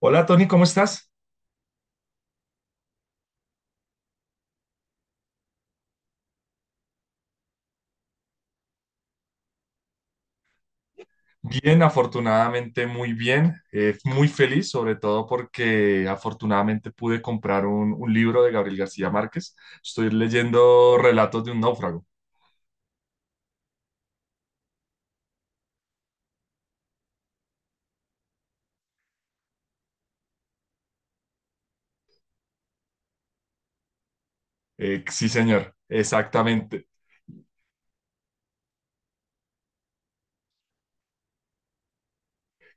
Hola Tony, ¿cómo estás? Bien, afortunadamente muy bien, muy feliz sobre todo porque afortunadamente pude comprar un libro de Gabriel García Márquez. Estoy leyendo Relatos de un náufrago. Sí, señor, exactamente.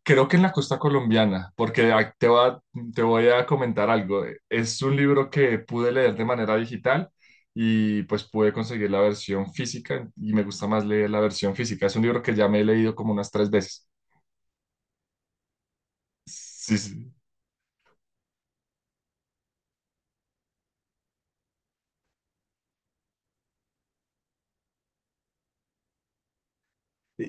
Creo que en la costa colombiana, porque te voy a comentar algo. Es un libro que pude leer de manera digital y pues pude conseguir la versión física y me gusta más leer la versión física. Es un libro que ya me he leído como unas tres veces. Sí, sí.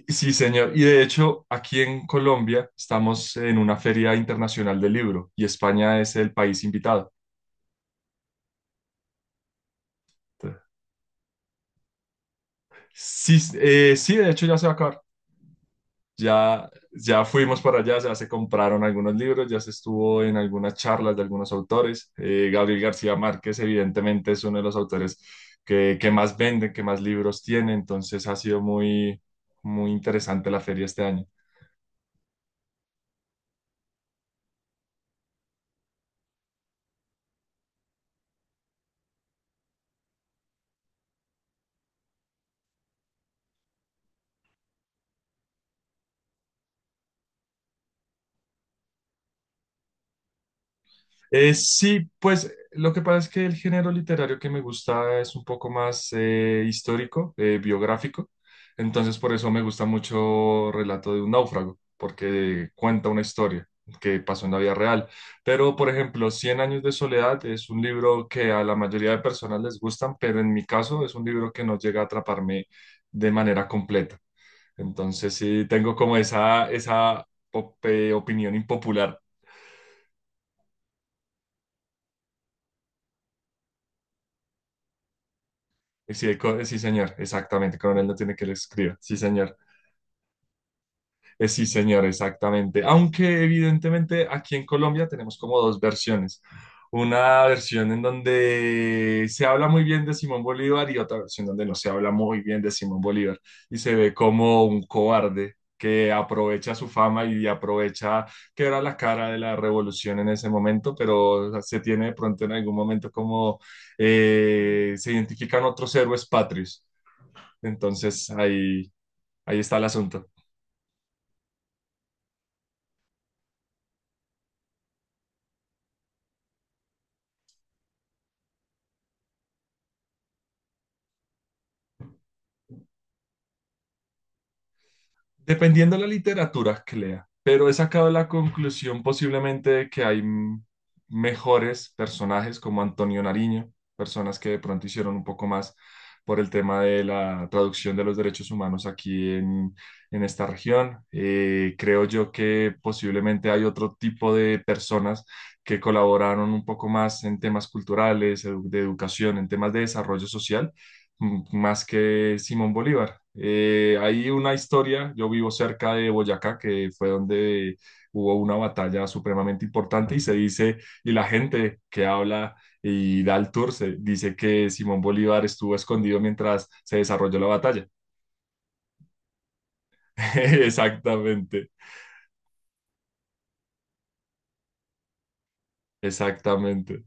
Sí, señor. Y de hecho, aquí en Colombia estamos en una feria internacional del libro y España es el país invitado. Entonces, sí, sí, de hecho ya se va a acabar. Ya, ya fuimos para allá, ya se compraron algunos libros, ya se estuvo en algunas charlas de algunos autores. Gabriel García Márquez, evidentemente, es uno de los autores que más venden, que más libros tiene. Entonces ha sido muy, muy interesante la feria este año. Sí, pues lo que pasa es que el género literario que me gusta es un poco más histórico, biográfico, entonces por eso me gusta mucho Relato de un náufrago, porque cuenta una historia que pasó en la vida real. Pero, por ejemplo, Cien años de soledad es un libro que a la mayoría de personas les gustan, pero en mi caso es un libro que no llega a atraparme de manera completa. Entonces sí, tengo como esa opinión impopular. Sí, el sí, señor, exactamente. Coronel no tiene que lo escriba. Sí, señor. Sí, señor, exactamente. Aunque evidentemente aquí en Colombia tenemos como dos versiones. Una versión en donde se habla muy bien de Simón Bolívar y otra versión donde no se habla muy bien de Simón Bolívar y se ve como un cobarde que aprovecha su fama y aprovecha que era la cara de la revolución en ese momento, pero se tiene de pronto en algún momento como se identifican otros héroes patrios. Entonces ahí, ahí está el asunto. Dependiendo de la literatura que lea, pero he sacado la conclusión posiblemente de que hay mejores personajes como Antonio Nariño, personas que de pronto hicieron un poco más por el tema de la traducción de los derechos humanos aquí en esta región. Creo yo que posiblemente hay otro tipo de personas que colaboraron un poco más en temas culturales, de educación, en temas de desarrollo social más que Simón Bolívar. Hay una historia, yo vivo cerca de Boyacá, que fue donde hubo una batalla supremamente importante y se dice, y la gente que habla y da el tour, se dice que Simón Bolívar estuvo escondido mientras se desarrolló la batalla. Exactamente, exactamente.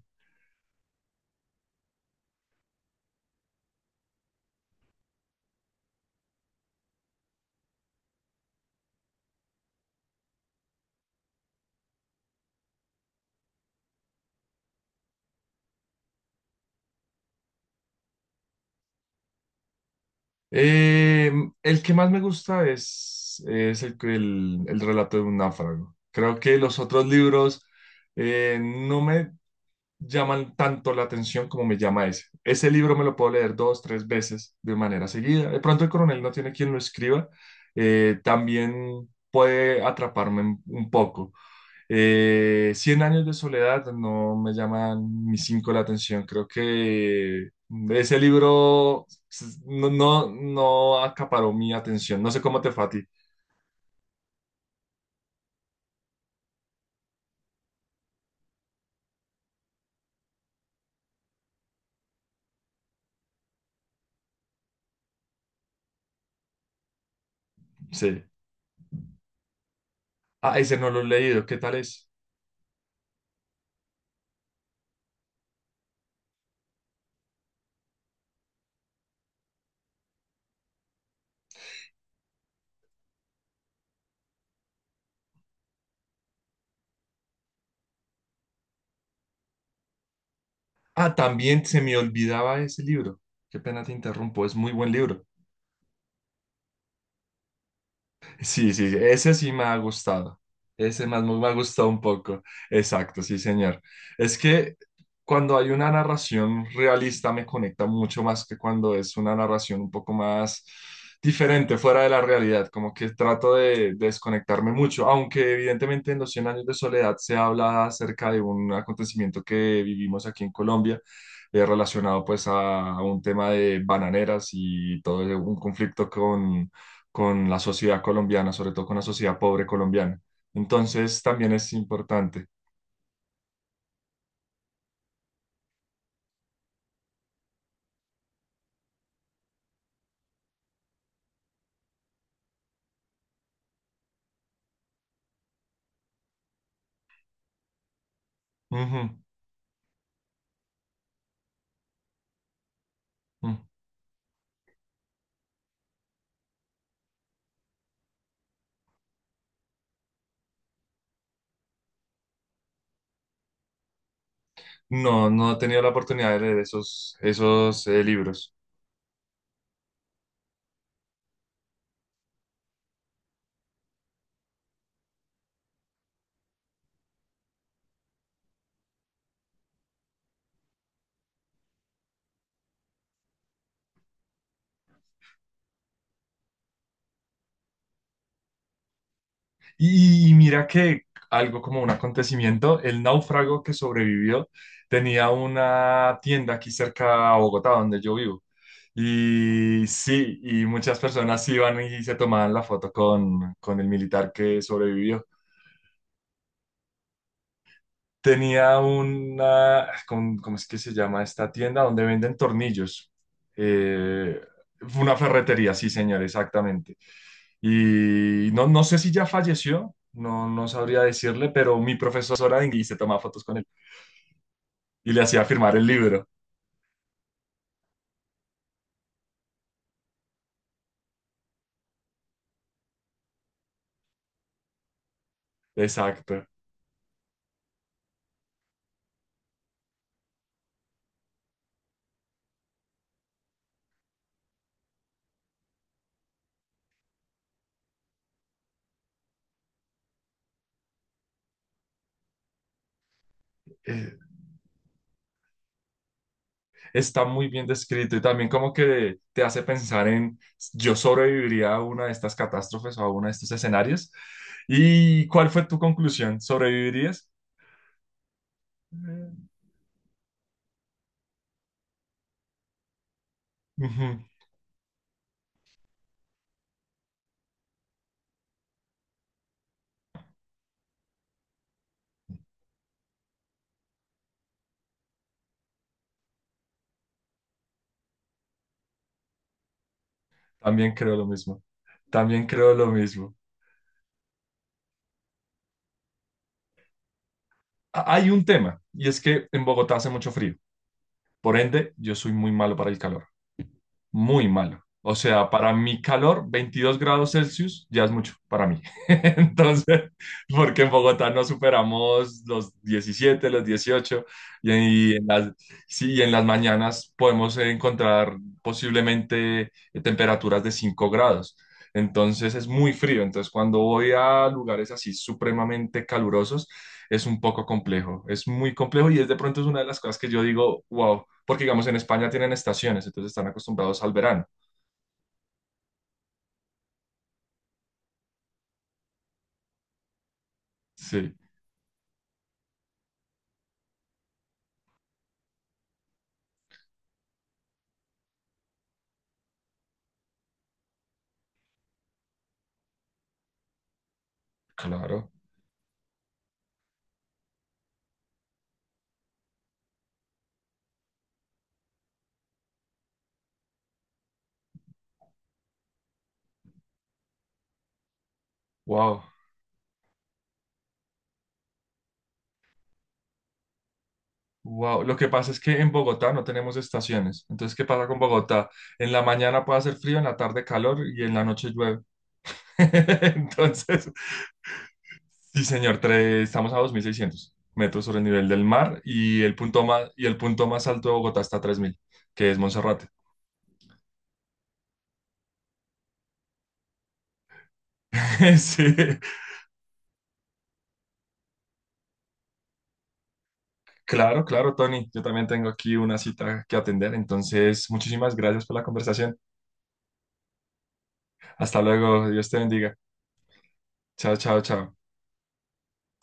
Eh, el que más me gusta es el relato de un náufrago. Creo que los otros libros no me llaman tanto la atención como me llama ese. Ese libro me lo puedo leer dos, tres veces de manera seguida. De pronto el coronel no tiene quien lo escriba. También puede atraparme un poco. Cien años de soledad no me llaman ni cinco la atención. Creo que ese libro no, no acaparó mi atención. No sé cómo te fue a ti. Sí. Ah, ese no lo he leído. ¿Qué tal es? Ah, también se me olvidaba ese libro. Qué pena te interrumpo. Es muy buen libro. Sí, sí, sí, ese sí me ha gustado. Ese más me ha gustado un poco. Exacto, sí, señor. Es que cuando hay una narración realista me conecta mucho más que cuando es una narración un poco más diferente, fuera de la realidad. Como que trato de desconectarme mucho, aunque evidentemente en Los 100 años de soledad se habla acerca de un acontecimiento que vivimos aquí en Colombia. Relacionado pues a un tema de bananeras y todo un conflicto con la sociedad colombiana, sobre todo con la sociedad pobre colombiana. Entonces, también es importante. Ujú, ujú. No, no he tenido la oportunidad de leer esos, esos libros. Y mira que algo como un acontecimiento, el náufrago que sobrevivió tenía una tienda aquí cerca a Bogotá, donde yo vivo. Y sí, y muchas personas iban y se tomaban la foto con el militar que sobrevivió. Tenía una, ¿cómo, cómo es que se llama esta tienda? Donde venden tornillos. Eh, Fue una ferretería, sí, señor, exactamente. Y no, no sé si ya falleció, no, no sabría decirle, pero mi profesora de inglés se tomaba fotos con él y le hacía firmar el libro. Exacto. Eh, Está muy bien descrito y también como que te hace pensar en, yo sobreviviría a una de estas catástrofes o a uno de estos escenarios. ¿Y cuál fue tu conclusión? ¿Sobrevivirías? Ujú, también creo lo mismo. También creo lo mismo. Hay un tema, y es que en Bogotá hace mucho frío. Por ende, yo soy muy malo para el calor. Muy malo. O sea, para mi calor, 22 grados Celsius ya es mucho para mí. Entonces, porque en Bogotá no superamos los 17, los 18, y y en las, sí, y en las mañanas podemos encontrar posiblemente temperaturas de 5 grados. Entonces es muy frío. Entonces, cuando voy a lugares así supremamente calurosos, es un poco complejo. Es muy complejo y es de pronto es una de las cosas que yo digo, wow, porque, digamos, en España tienen estaciones, entonces están acostumbrados al verano. Sí, claro. Wow, wow. Lo que pasa es que en Bogotá no tenemos estaciones. Entonces, ¿qué pasa con Bogotá? En la mañana puede hacer frío, en la tarde calor y en la noche llueve. Entonces, sí, señor, estamos a 2.600 metros sobre el nivel del mar y el punto más, y el punto más alto de Bogotá está a 3.000, que es Monserrate. Sí, claro, claro, Tony. Yo también tengo aquí una cita que atender. Entonces, muchísimas gracias por la conversación. Hasta luego, Dios te bendiga. Chao, chao, chao.